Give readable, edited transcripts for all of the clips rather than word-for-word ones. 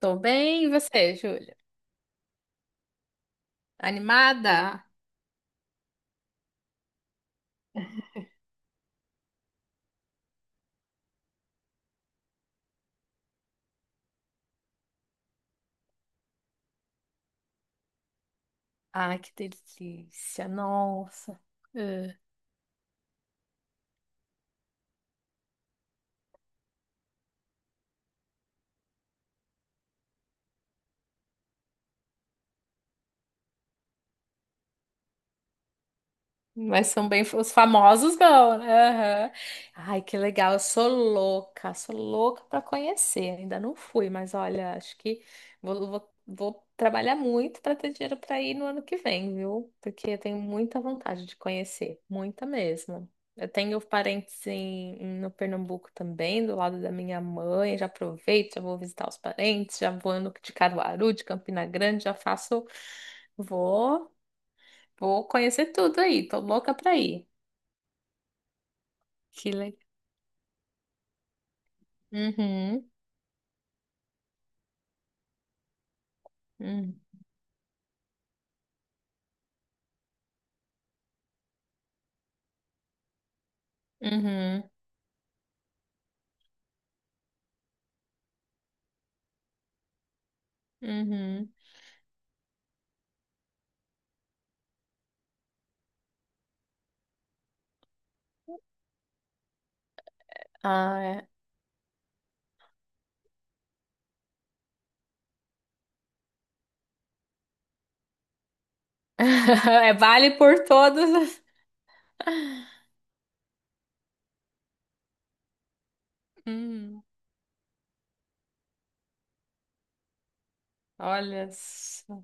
Tô bem, e você, Júlia? Animada? Ai, que delícia, nossa. Mas são bem os famosos não, né? Aham. Ai, que legal. Eu sou louca para conhecer. Ainda não fui, mas olha, acho que vou trabalhar muito para ter dinheiro para ir no ano que vem, viu? Porque eu tenho muita vontade de conhecer, muita mesmo. Eu tenho parentes no Pernambuco também, do lado da minha mãe. Já aproveito, já vou visitar os parentes, já vou no- de Caruaru, de Campina Grande, já faço. Vou. Vou conhecer tudo aí, tô louca pra ir. Que legal. Uhum, uhum, uhum, uhum. Ah, é. É, vale por todos. Hum. Olha só,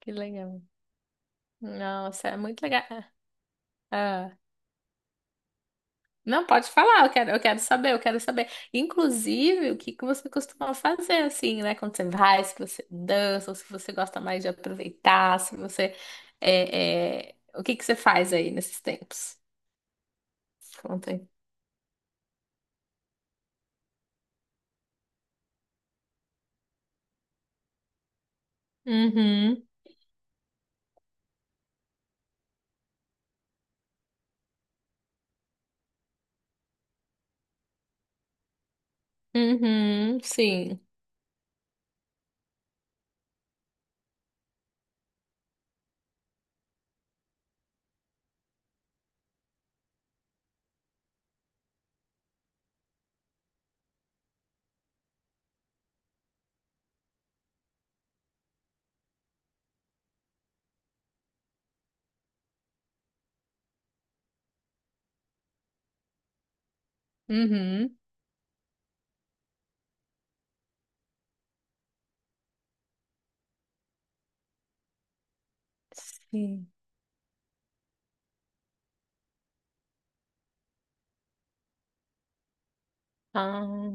que legal. Nossa, é muito legal. Ah, ah. Não, pode falar, eu quero saber, eu quero saber. Inclusive, o que que você costuma fazer assim, né? Quando você vai, se você dança, ou se você gosta mais de aproveitar, se você. O que que você faz aí nesses tempos? Conta aí. Uhum, uhum, sim. Uhum, sim. Ah,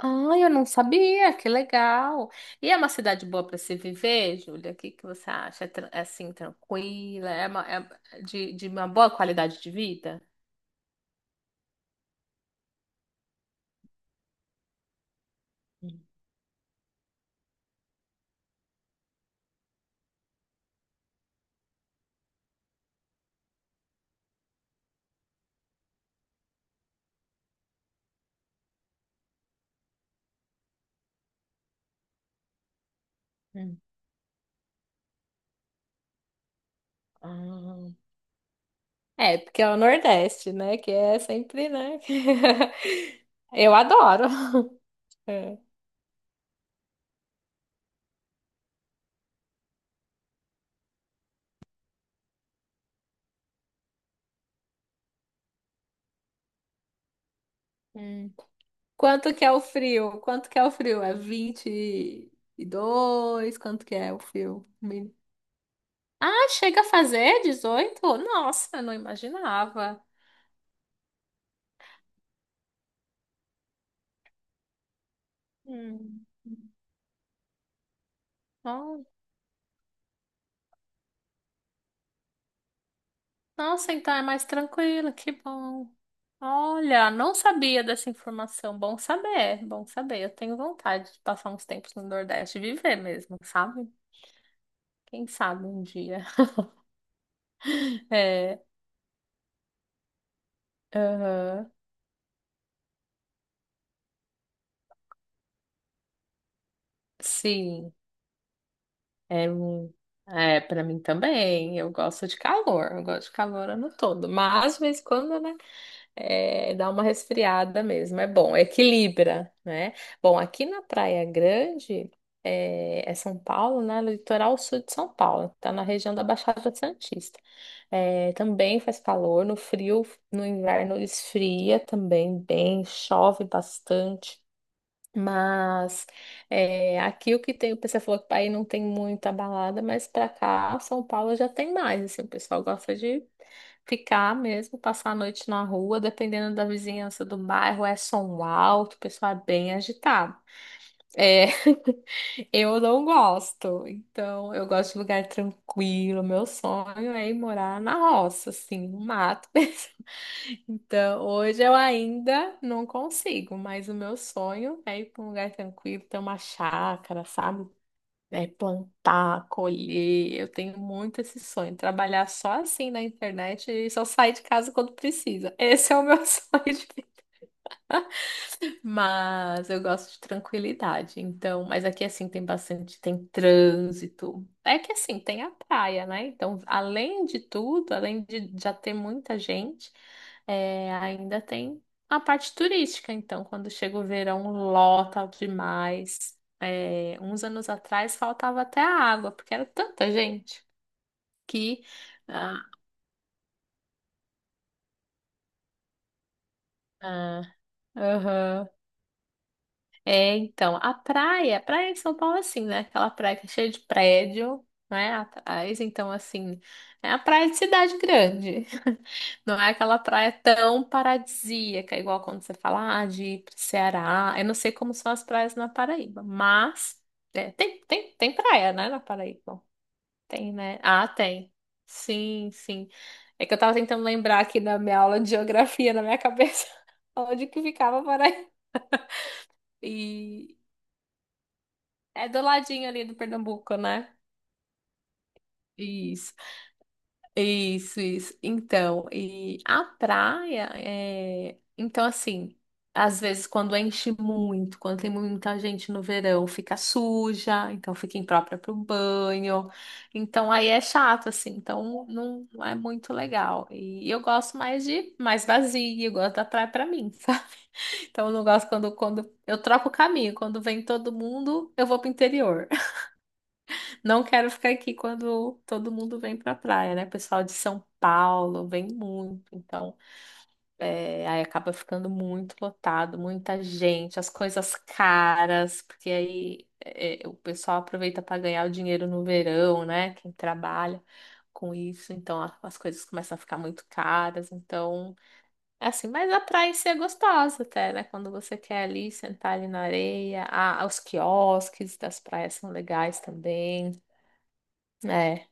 ah, eu não sabia, que legal. E é uma cidade boa para se viver, Júlia? O que que você acha? É, é assim, tranquila? É, uma, é de uma boa qualidade de vida? Hum. Ah, é, porque é o Nordeste, né? Que é sempre, né? Eu adoro. É. Hum. Quanto que é o frio? Quanto que é o frio? É 22? Quanto que é o frio? Ah, chega a fazer 18? Nossa, eu não imaginava. Hum. Nossa, então é mais tranquilo, que bom. Olha, não sabia dessa informação. Bom saber, bom saber. Eu tenho vontade de passar uns tempos no Nordeste, viver mesmo, sabe? Quem sabe um dia. É, aham. Sim, é um. É, para mim também. Eu gosto de calor, eu gosto de calor ano todo. Mas, de vez em quando, né? É, dá uma resfriada mesmo, é bom, equilibra, né? Bom, aqui na Praia Grande, São Paulo, né? Litoral sul de São Paulo, tá na região da Baixada Santista. É, também faz calor, no frio, no inverno esfria também bem, chove bastante. Mas é, aqui o que tem, o pessoal falou que aí não tem muita balada, mas pra cá, São Paulo já tem mais. Assim, o pessoal gosta de ficar mesmo, passar a noite na rua, dependendo da vizinhança do bairro, é som alto, o pessoal é bem agitado. É, eu não gosto, então eu gosto de lugar tranquilo. Meu sonho é ir morar na roça, assim, no mato. Então, hoje eu ainda não consigo, mas o meu sonho é ir para um lugar tranquilo, ter uma chácara, sabe? É plantar, colher. Eu tenho muito esse sonho, trabalhar só assim na internet e só sair de casa quando precisa. Esse é o meu sonho, mas eu gosto de tranquilidade, então. Mas aqui assim tem bastante, tem trânsito. É que assim tem a praia, né? Então, além de tudo, além de já ter muita gente, é, ainda tem a parte turística. Então, quando chega o verão, lota demais. É, uns anos atrás faltava até a água, porque era tanta gente que. Ah, ah, aham. É, então, a praia de São Paulo é assim, né? Aquela praia que é cheia de prédio, né? Atrás, então, assim, é a praia de cidade grande. Não é aquela praia tão paradisíaca, igual quando você fala, ah, de ir pro Ceará. Eu não sei como são as praias na Paraíba, mas é, tem praia, né, na Paraíba. Tem, né? Ah, tem. Sim, sim. É que eu tava tentando lembrar aqui da minha aula de geografia na minha cabeça, onde que ficava a Paraíba. E, É do ladinho ali do Pernambuco, né? Isso, isso, isso. Então, e a praia é. Então, assim, às vezes quando enche muito, quando tem muita gente no verão, fica suja, então fica imprópria para o banho. Então, aí é chato, assim, então não, não é muito legal. E eu gosto mais de mais vazia, eu gosto da praia para mim, sabe? Então, eu não gosto quando, eu troco o caminho, quando vem todo mundo, eu vou pro interior. Não quero ficar aqui quando todo mundo vem pra praia, né? Pessoal de São Paulo vem muito, então é, aí acaba ficando muito lotado, muita gente, as coisas caras, porque aí o pessoal aproveita para ganhar o dinheiro no verão, né? Quem trabalha com isso, então as coisas começam a ficar muito caras, então é assim, mas a praia em si é gostosa até, né? Quando você quer ali sentar ali na areia, ah, os quiosques das praias são legais também. Né?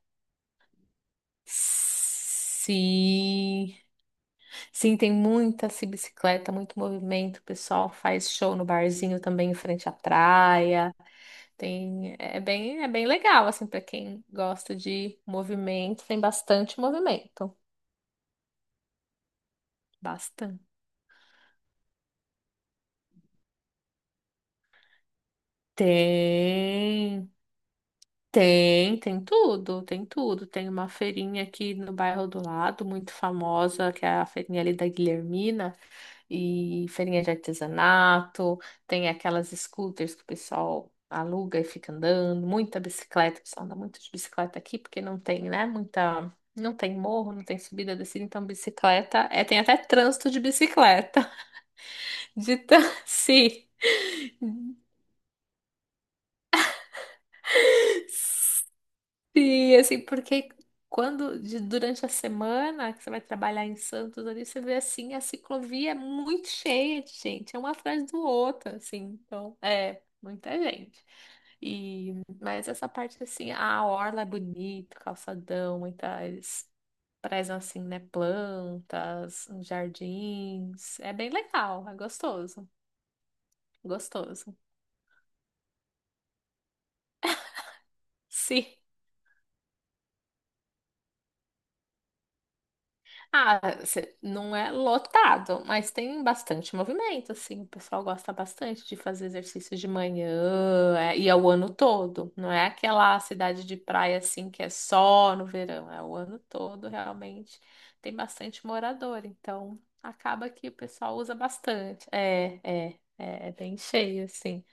Sim. Sim, tem muita assim, bicicleta, muito movimento. O pessoal faz show no barzinho também em frente à praia. Tem, é bem legal assim para quem gosta de movimento, tem bastante movimento. Bastante. Tem. Tem, tem tudo, tem tudo. Tem uma feirinha aqui no bairro do lado, muito famosa, que é a feirinha ali da Guilhermina, e feirinha de artesanato, tem aquelas scooters que o pessoal aluga e fica andando, muita bicicleta, o pessoal anda muito de bicicleta aqui, porque não tem, né, muita, não tem morro, não tem subida, descida, então bicicleta, é, tem até trânsito de bicicleta, de tan- sim. E assim, porque quando durante a semana que você vai trabalhar em Santos ali, você vê assim, a ciclovia é muito cheia de gente, é um atrás do outro, assim, então é muita gente. E mas essa parte assim, a orla é bonito, calçadão, muitas prezam assim, né, plantas, uns jardins, é bem legal, é gostoso, gostoso. Sim. Ah, não é lotado, mas tem bastante movimento, assim. O pessoal gosta bastante de fazer exercício de manhã, é, e é o ano todo. Não é aquela cidade de praia, assim, que é só no verão. É o ano todo, realmente. Tem bastante morador, então acaba que o pessoal usa bastante. É bem cheio, assim.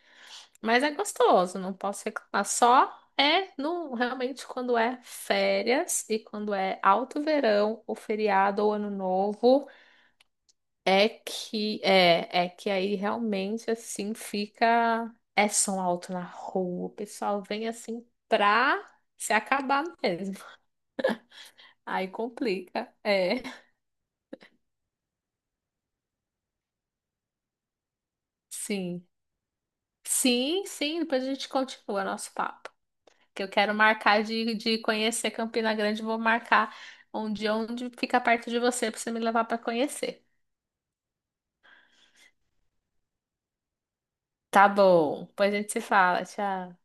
Mas é gostoso, não posso reclamar. Só é no, realmente quando é férias e quando é alto verão, ou feriado ou ano novo, é que é que aí realmente assim fica é som alto na rua, o pessoal vem assim pra se acabar mesmo. Aí complica. É. Sim. Sim, sim, depois a gente continua nosso papo. Que eu quero marcar de conhecer Campina Grande, vou marcar um dia onde fica perto de você para você me levar para conhecer. Tá bom, depois a gente se fala, tchau.